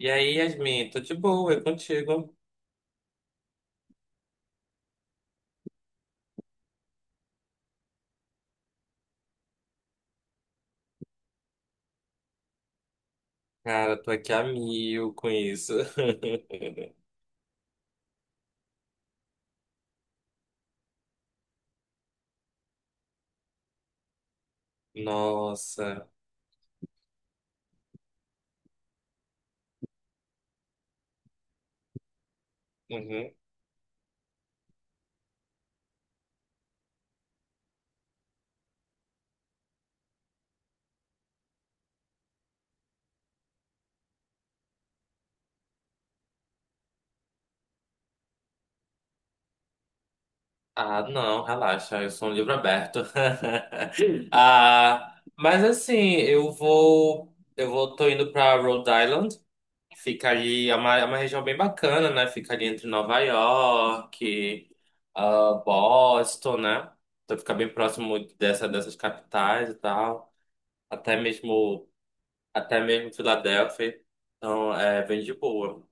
E aí, Yasmin, tô de boa, é contigo. Cara, tô aqui a mil com isso. Nossa. Uhum. Ah, não, relaxa, eu sou um livro aberto. Ah, mas assim, eu vou, tô indo pra Rhode Island. Fica ali, é uma região bem bacana, né? Fica ali entre Nova York, Boston, né? Então fica bem próximo dessas capitais e tal. Até mesmo Até mesmo Filadélfia. Então, é bem de boa.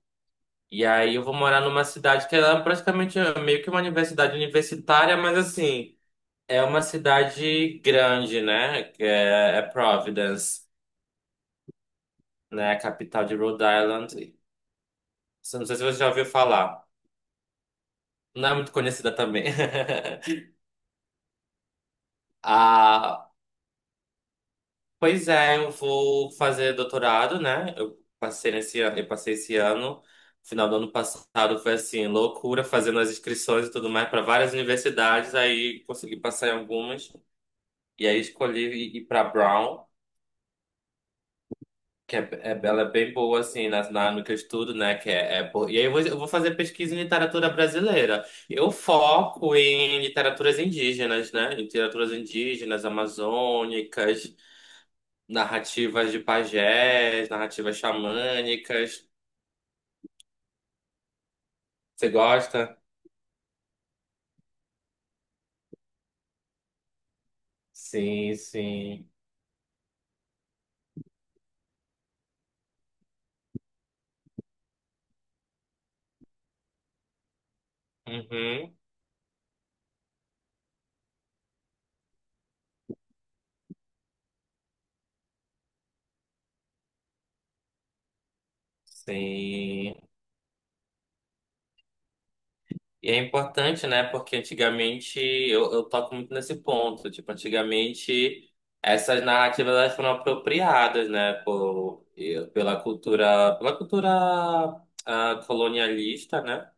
E aí eu vou morar numa cidade que ela é praticamente meio que uma universidade universitária, mas assim, é uma cidade grande, né? Que é Providence, né? A capital de Rhode Island. Não sei se você já ouviu falar. Não é muito conhecida também. A, Pois é, eu vou fazer doutorado, né? Eu passei esse ano, final do ano passado foi assim, loucura, fazendo as inscrições e tudo mais para várias universidades, aí consegui passar em algumas. E aí escolhi ir pra Brown, ela é bem boa, assim, no que eu estudo, né? Que é, é bo- E aí eu vou fazer pesquisa em literatura brasileira. Eu foco em literaturas indígenas, né? Literaturas indígenas, amazônicas. Narrativas de pajés, narrativas xamânicas. Você gosta? Sim, sim. Uhum, sim. E é importante, né? Porque antigamente eu toco muito nesse ponto. Tipo, antigamente essas narrativas elas foram apropriadas, né? Pela cultura colonialista, né?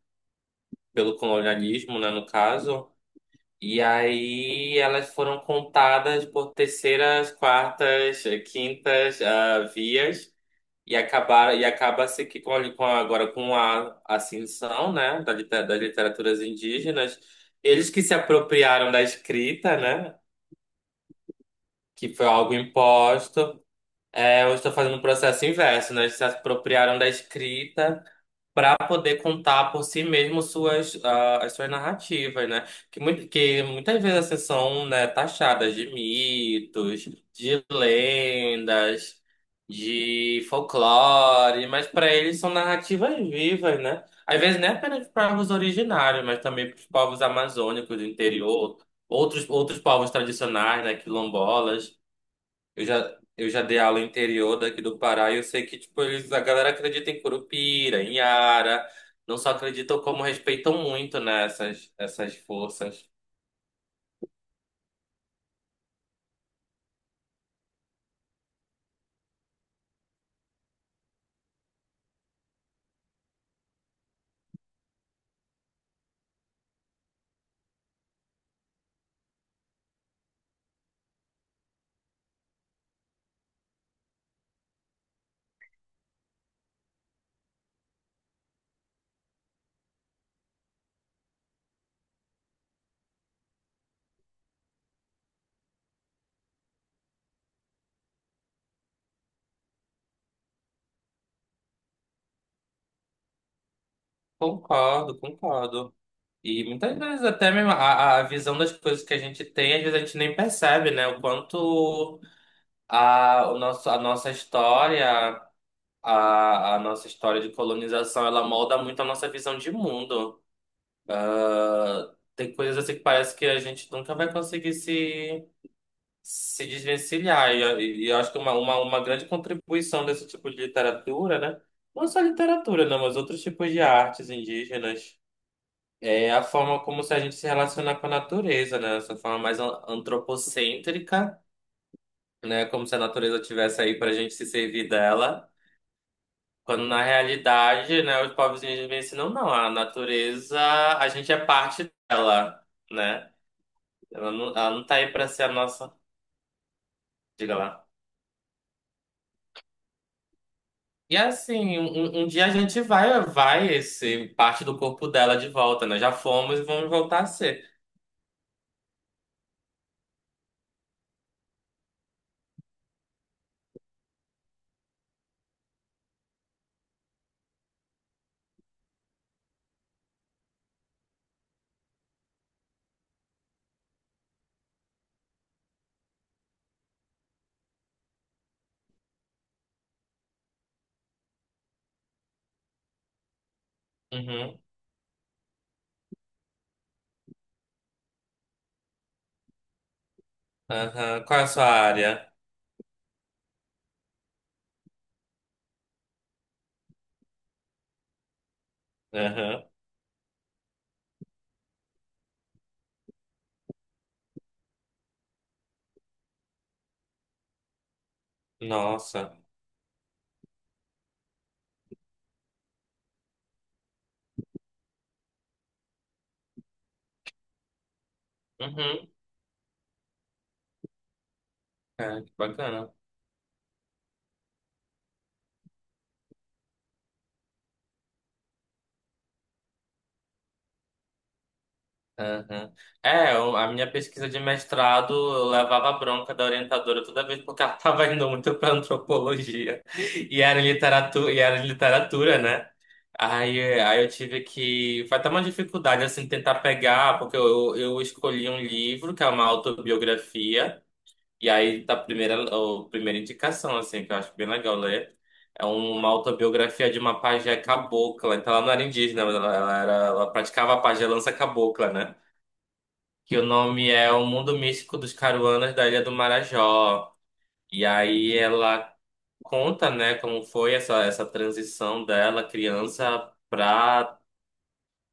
Pelo colonialismo, né? No caso. E aí elas foram contadas por terceiras, quartas, quintas, vias e acabaram e acaba-se que agora com a ascensão, né, das literaturas indígenas, eles que se apropriaram da escrita, né, que foi algo imposto, é, eu estou fazendo um processo inverso, né, eles se apropriaram da escrita para poder contar por si mesmo suas, as suas narrativas, né? Que muitas vezes assim, são, né, taxadas de mitos, de lendas, de folclore, mas para eles são narrativas vivas, né? Às vezes não é apenas para os povos originários, mas também para os povos amazônicos do interior, outros povos tradicionais, né, quilombolas. Eu já dei aula interior daqui do Pará e eu sei que, tipo, eles, a galera acredita em Curupira, em Ara. Não só acreditam, como respeitam muito, né, essas forças. Concordo, concordo. E muitas vezes até mesmo a visão das coisas que a gente tem, às vezes a gente nem percebe, né? O quanto a nossa história, a nossa história de colonização, ela molda muito a nossa visão de mundo. Tem coisas assim que parece que a gente nunca vai conseguir se desvencilhar. E eu acho que uma grande contribuição desse tipo de literatura, né? Não só literatura, não, mas outros tipos de artes indígenas. É a forma como se a gente se relacionar com a natureza, né? Essa forma antropocêntrica, né? Como se a natureza tivesse aí para a gente se servir dela. Quando na realidade, né, os povos indígenas me ensinam, não, a natureza, a gente é parte dela, né? Ela não tá aí para ser a nossa. Diga lá. E assim, um dia a gente vai ser parte do corpo dela de volta, né? Já fomos e vamos voltar a ser. Uhum, aham. Qual é a sua área? Aham. Nossa. Uhum. É, que bacana. Uhum. É, eu- a minha pesquisa de mestrado eu levava bronca da orientadora toda vez porque ela estava indo muito para antropologia e era literatura, né? Aí eu tive que. Foi até uma dificuldade assim tentar pegar, porque eu escolhi um livro que é uma autobiografia, e aí tá a primeira indicação, assim, que eu acho bem legal ler. É uma autobiografia de uma pajé cabocla. Então ela não era indígena, mas ela praticava a pajelança cabocla, né? que o nome é O Mundo Místico dos Caruanas da Ilha do Marajó. E aí ela conta, né, como foi essa transição dela, criança, para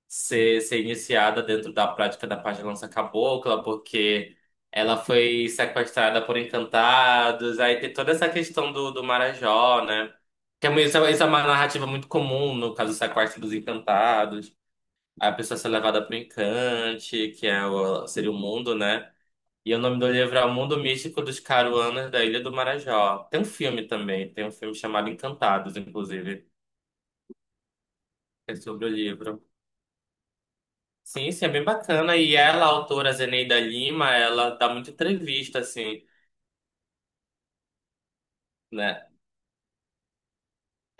ser iniciada dentro da prática da pagelança cabocla, porque ela foi sequestrada por encantados. Aí tem toda essa questão do Marajó, né? Isso é uma narrativa muito comum no caso do sequestro dos encantados. A pessoa é ser levada para o encante, que é seria o mundo, né? E o nome do livro é O Mundo Místico dos Caruanas da Ilha do Marajó. Tem um filme também, tem um filme chamado Encantados, inclusive, que é sobre o livro. Sim, sim, é bem bacana. E ela, a autora Zeneida Lima, ela dá muita entrevista, assim, né?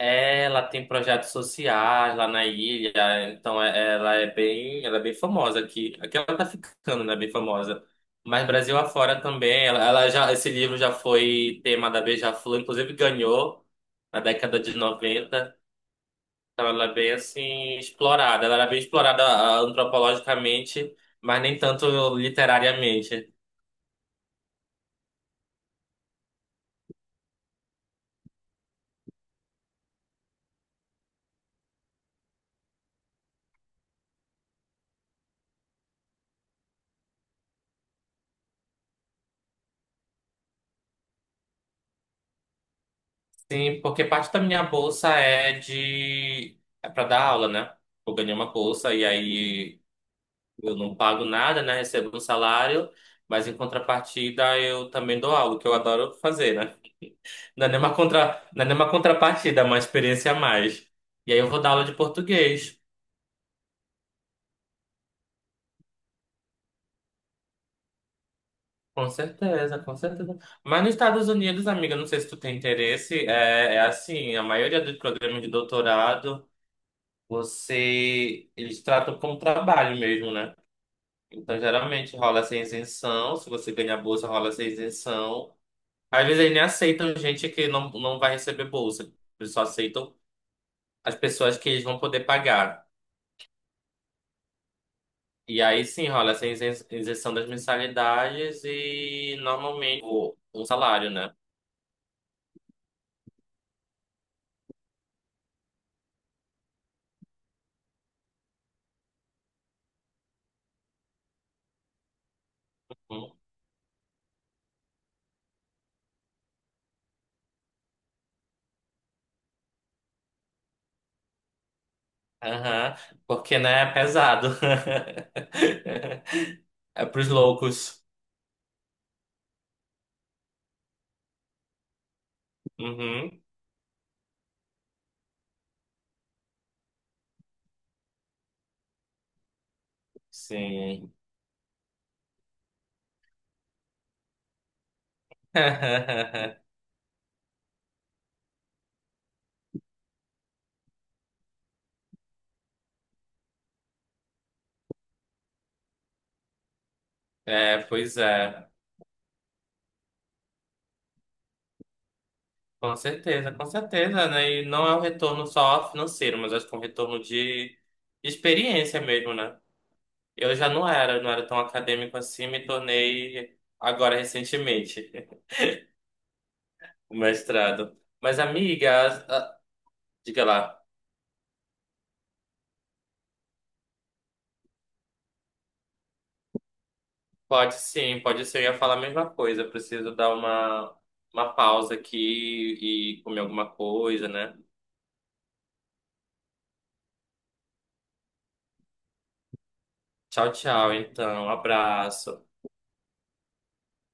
Ela tem projetos sociais lá na ilha, então é- ela é bem famosa aqui. Aqui ela tá ficando, né? Bem famosa. Mas Brasil afora também, esse livro já foi tema da Beija-Flor, inclusive ganhou na década de noventa. Então, ela é bem assim explorada. Ela era bem explorada antropologicamente, mas nem tanto literariamente. Sim, porque parte da minha bolsa é de é para dar aula, né? Eu ganhei uma bolsa e aí eu não pago nada, né? Recebo um salário, mas em contrapartida eu também dou aula, que eu adoro fazer, né? Não é nem uma contra... não é nem uma contrapartida, é uma experiência a mais. E aí eu vou dar aula de português. Com certeza, com certeza. Mas nos Estados Unidos, amiga, não sei se tu tem interesse, é assim, a maioria dos programas de doutorado, você, eles tratam como trabalho mesmo, né? Então, geralmente rola essa isenção, se você ganhar bolsa, rola essa isenção. Às vezes eles nem aceitam gente que não, não vai receber bolsa, eles só aceitam as pessoas que eles vão poder pagar. E aí sim rola isenção das mensalidades e normalmente um salário, né? Aham, porque, né, é pesado. É pros loucos. Uhum, sim. É, pois é. Com certeza, né? E não é um retorno só financeiro, mas acho que é um retorno de experiência mesmo, né? Eu já não era tão acadêmico assim, me tornei agora recentemente o mestrado. Mas, amiga, diga lá. Pode sim, pode ser. Eu ia falar a mesma coisa. Eu preciso dar uma pausa aqui e comer alguma coisa, né? Tchau, tchau. Então, um abraço.